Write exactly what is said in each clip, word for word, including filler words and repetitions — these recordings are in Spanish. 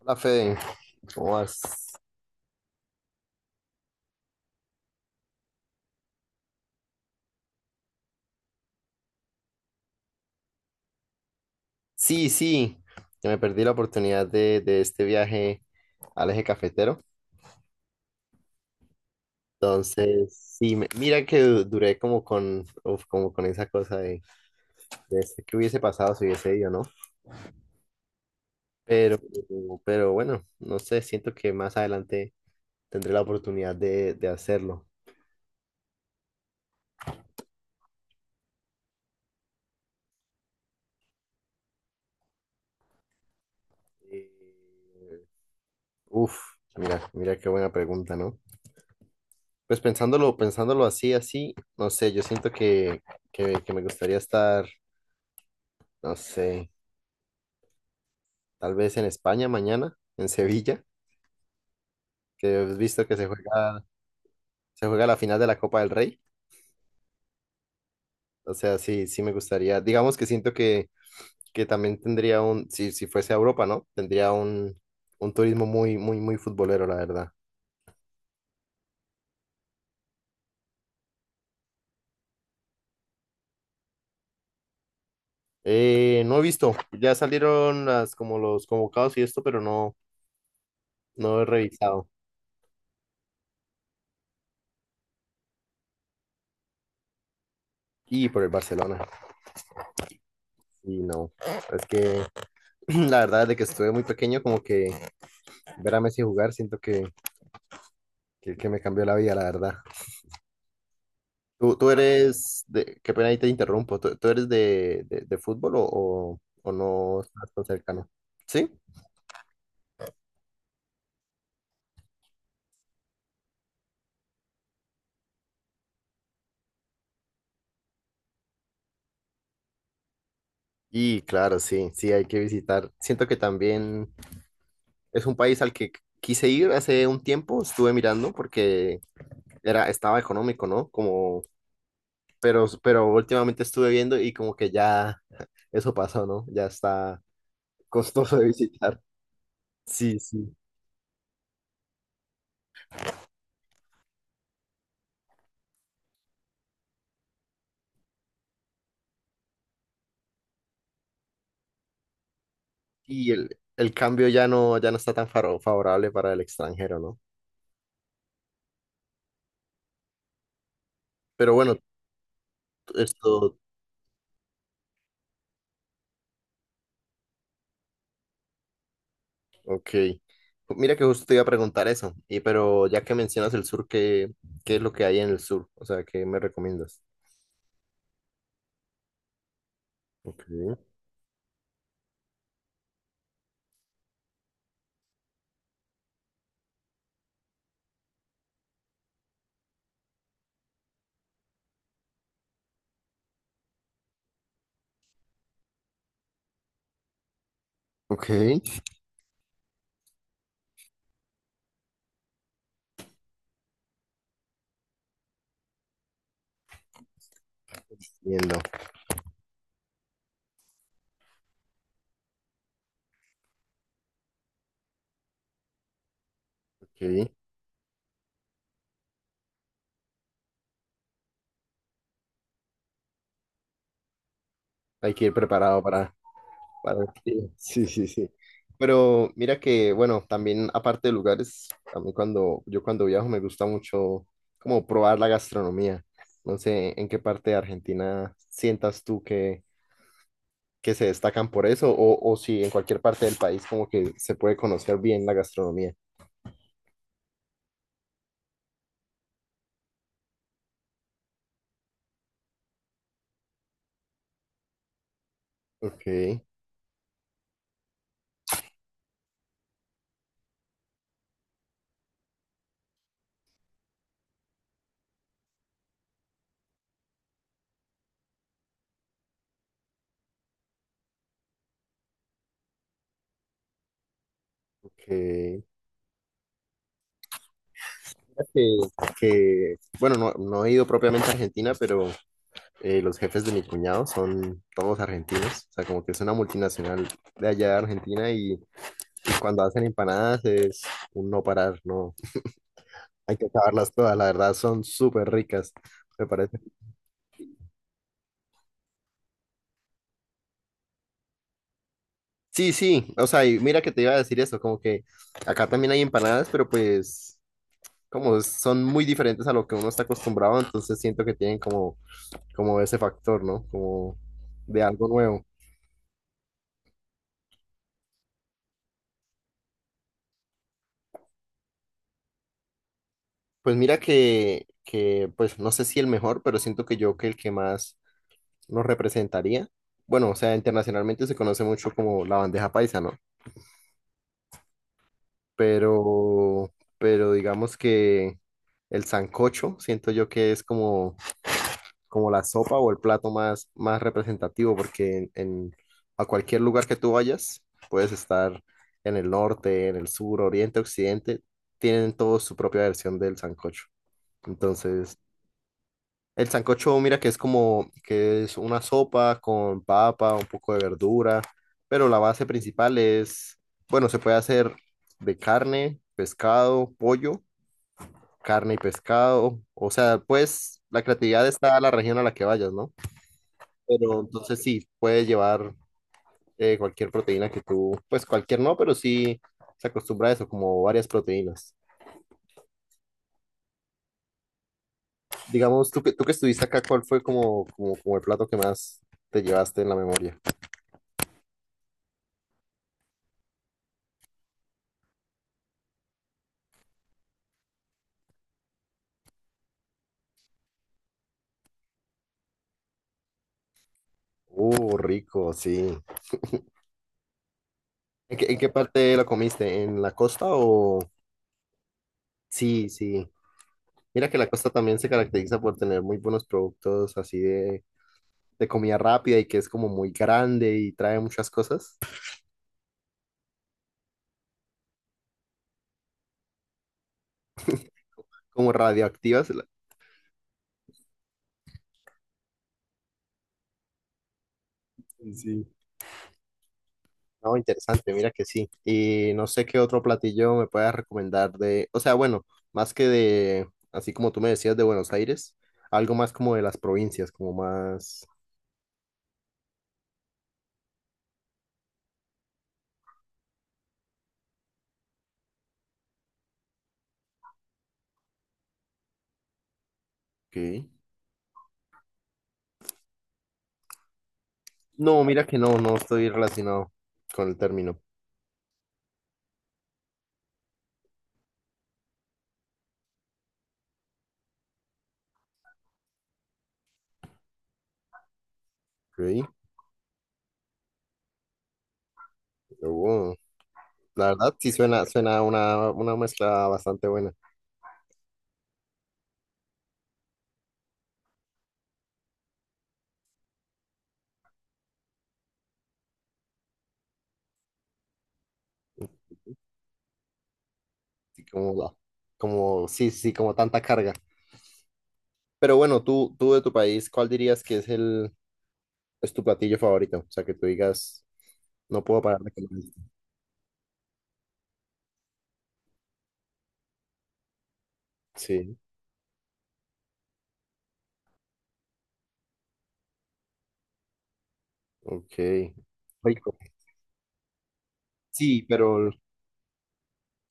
Hola Fede, ¿cómo vas? Sí, sí, que me perdí la oportunidad de, de este viaje al eje cafetero. Entonces, sí, me- mira que du- duré como con, uf, como con esa cosa de, de este, qué hubiese pasado si hubiese ido, ¿no? Pero, pero bueno, no sé, siento que más adelante tendré la oportunidad de, de hacerlo. Eh, uf, mira, mira qué buena pregunta, ¿no? Pues pensándolo, pensándolo así, así, no sé, yo siento que, que, que me gustaría estar. No sé, tal vez en España mañana, en Sevilla, que has visto que se juega, se juega la final de la Copa del Rey. O sea, sí, sí me gustaría. Digamos que siento que, que también tendría un, si, si fuese a Europa, ¿no? Tendría un, un turismo muy, muy, muy futbolero, la verdad. Eh, no he visto, ya salieron las, como los convocados y esto, pero no, no he revisado. Y por el Barcelona, y no. Es que la verdad, de que estuve muy pequeño, como que ver a Messi jugar, siento que, que, que me cambió la vida, la verdad. ¿Tú, tú eres de, qué pena ahí te interrumpo, ¿tú, tú eres de, de, de fútbol o, o, o no estás tan cercano? ¿Sí? Y claro, sí, sí, hay que visitar. Siento que también es un país al que quise ir hace un tiempo, estuve mirando porque era, estaba económico, ¿no? Como, pero, pero últimamente estuve viendo y como que ya eso pasó, ¿no? Ya está costoso de visitar. Sí, sí. Y el, el cambio ya no, ya no está tan faro- favorable para el extranjero, ¿no? Pero bueno, esto, ok. Mira que justo te iba a preguntar eso, y pero ya que mencionas el sur, ¿qué, qué es lo que hay en el sur? O sea, ¿qué me recomiendas? Ok, ok, entiendo, ok. Hay que ir preparado para, para... Sí, sí, sí, sí. Pero mira que, bueno, también aparte de lugares, a mí cuando, yo cuando viajo me gusta mucho como probar la gastronomía. No sé en qué parte de Argentina sientas tú que que se destacan por eso, o, o si en cualquier parte del país como que se puede conocer bien la gastronomía. Ok, ok. Que, que, bueno, no, no he ido propiamente a Argentina, pero eh, los jefes de mi cuñado son todos argentinos, o sea, como que es una multinacional de allá de Argentina y, y cuando hacen empanadas es un no parar, no, hay que acabarlas todas, la verdad son súper ricas. Me parece. Sí, sí, o sea, y mira que te iba a decir eso, como que acá también hay empanadas, pero pues como son muy diferentes a lo que uno está acostumbrado, entonces siento que tienen como, como ese factor, ¿no? Como de algo nuevo. Pues mira que, que, pues no sé si el mejor, pero siento que yo que el que más nos representaría. Bueno, o sea, internacionalmente se conoce mucho como la bandeja paisa, ¿no? Pero, pero digamos que el sancocho, siento yo que es como como la sopa o el plato más, más representativo, porque en, en- a cualquier lugar que tú vayas, puedes estar en el norte, en el sur, oriente, occidente, tienen todos su propia versión del sancocho. Entonces, el sancocho, mira que es como, que es una sopa con papa, un poco de verdura, pero la base principal es, bueno, se puede hacer de carne, pescado, pollo, carne y pescado, o sea, pues la creatividad está a la región a la que vayas, ¿no? Pero entonces sí, puede llevar eh, cualquier proteína que tú, pues cualquier no, pero sí se acostumbra a eso, como varias proteínas. Digamos, tú que, tú que estuviste acá, ¿cuál fue como, como, como el plato que más te llevaste en la memoria? Uh, rico, sí. ¿En qué, en qué parte lo comiste? ¿En la costa o...? Sí, sí. Mira que la costa también se caracteriza por tener muy buenos productos así de, de comida rápida y que es como muy grande y trae muchas cosas como radioactivas. Sí. No, interesante, mira que sí. Y no sé qué otro platillo me puedas recomendar de, o sea, bueno, más que de, así como tú me decías, de Buenos Aires, algo más como de las provincias, como más... Ok. No, mira que no, no estoy relacionado con el término. Ok, oh, la verdad sí suena, suena una, una mezcla bastante buena. Así como, la- como, sí, sí, como tanta carga. Pero bueno, tú, tú de tu país, ¿cuál dirías que es el, es tu platillo favorito? O sea, que tú digas, no puedo parar de comer. Sí, ok. Rico. Sí, pero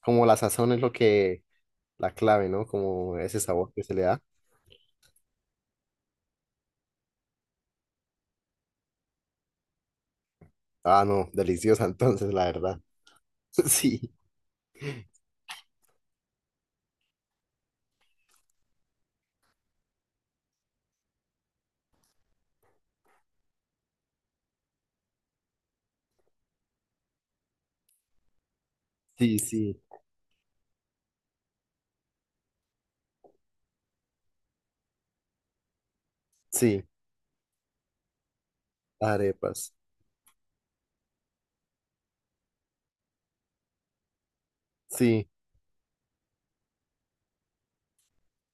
como la sazón es lo que, la clave, ¿no? Como ese sabor que se le da. Ah, no, deliciosa entonces, la verdad. Sí, sí, sí, sí, arepas. Sí,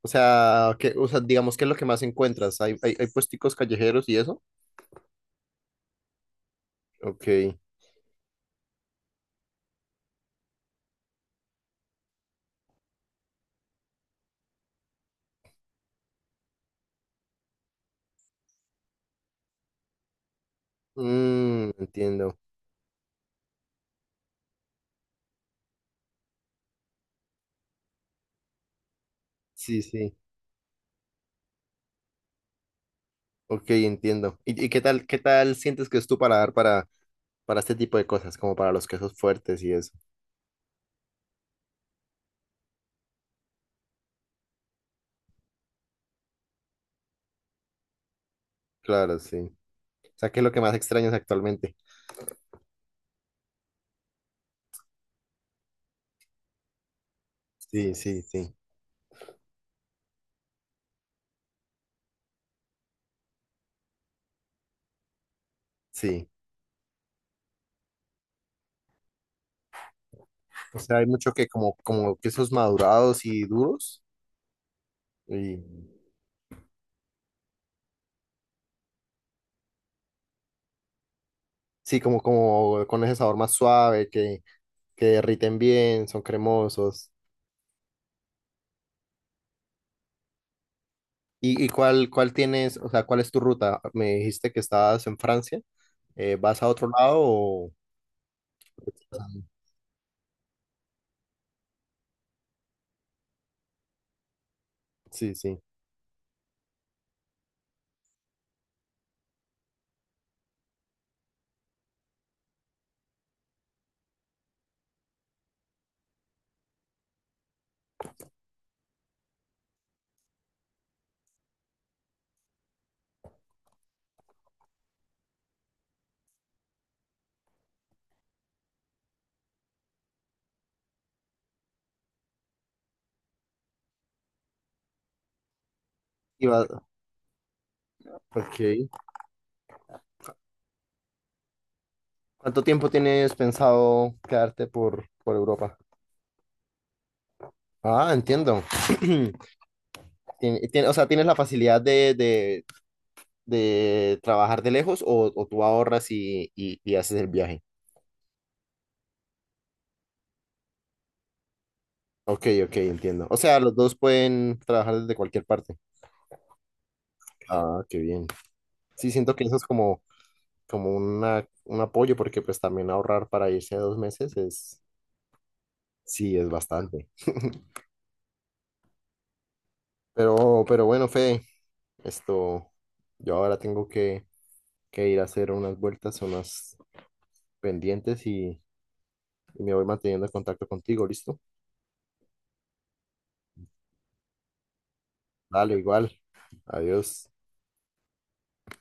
o sea, que, o sea, digamos que es lo que más encuentras. Hay, hay, hay puesticos callejeros y eso. Ok. Mm, entiendo. Sí, sí. Ok, entiendo. ¿Y, y qué tal, qué tal sientes que es tu paladar para, para este tipo de cosas, como para los quesos fuertes y eso? Claro, sí. O sea, ¿qué es lo que más extrañas actualmente? Sí, sí, sí, sí. O sea, hay mucho que como, como quesos madurados y duros. Y sí, como, como con ese sabor más suave, que, que derriten bien, son cremosos. ¿Y, y cuál, cuál tienes, o sea, cuál es tu ruta? Me dijiste que estabas en Francia. Eh, ¿vas a otro lado o...? Sí, sí. Y va- ok. ¿Cuánto tiempo tienes pensado quedarte por, por Europa? Ah, entiendo. Tien- tien- o sea, tienes la facilidad de, de, de trabajar de lejos o, o tú ahorras y, y, y haces el viaje. Ok, ok, entiendo. O sea, los dos pueden trabajar desde cualquier parte. Ah, qué bien. Sí, siento que eso es como, como una, un apoyo porque pues también ahorrar para irse a dos meses es, sí, es bastante. Pero, pero bueno, Fede, esto, yo ahora tengo que, que ir a hacer unas vueltas, unas pendientes y, y me voy manteniendo en contacto contigo, ¿listo? Dale, igual. Adiós.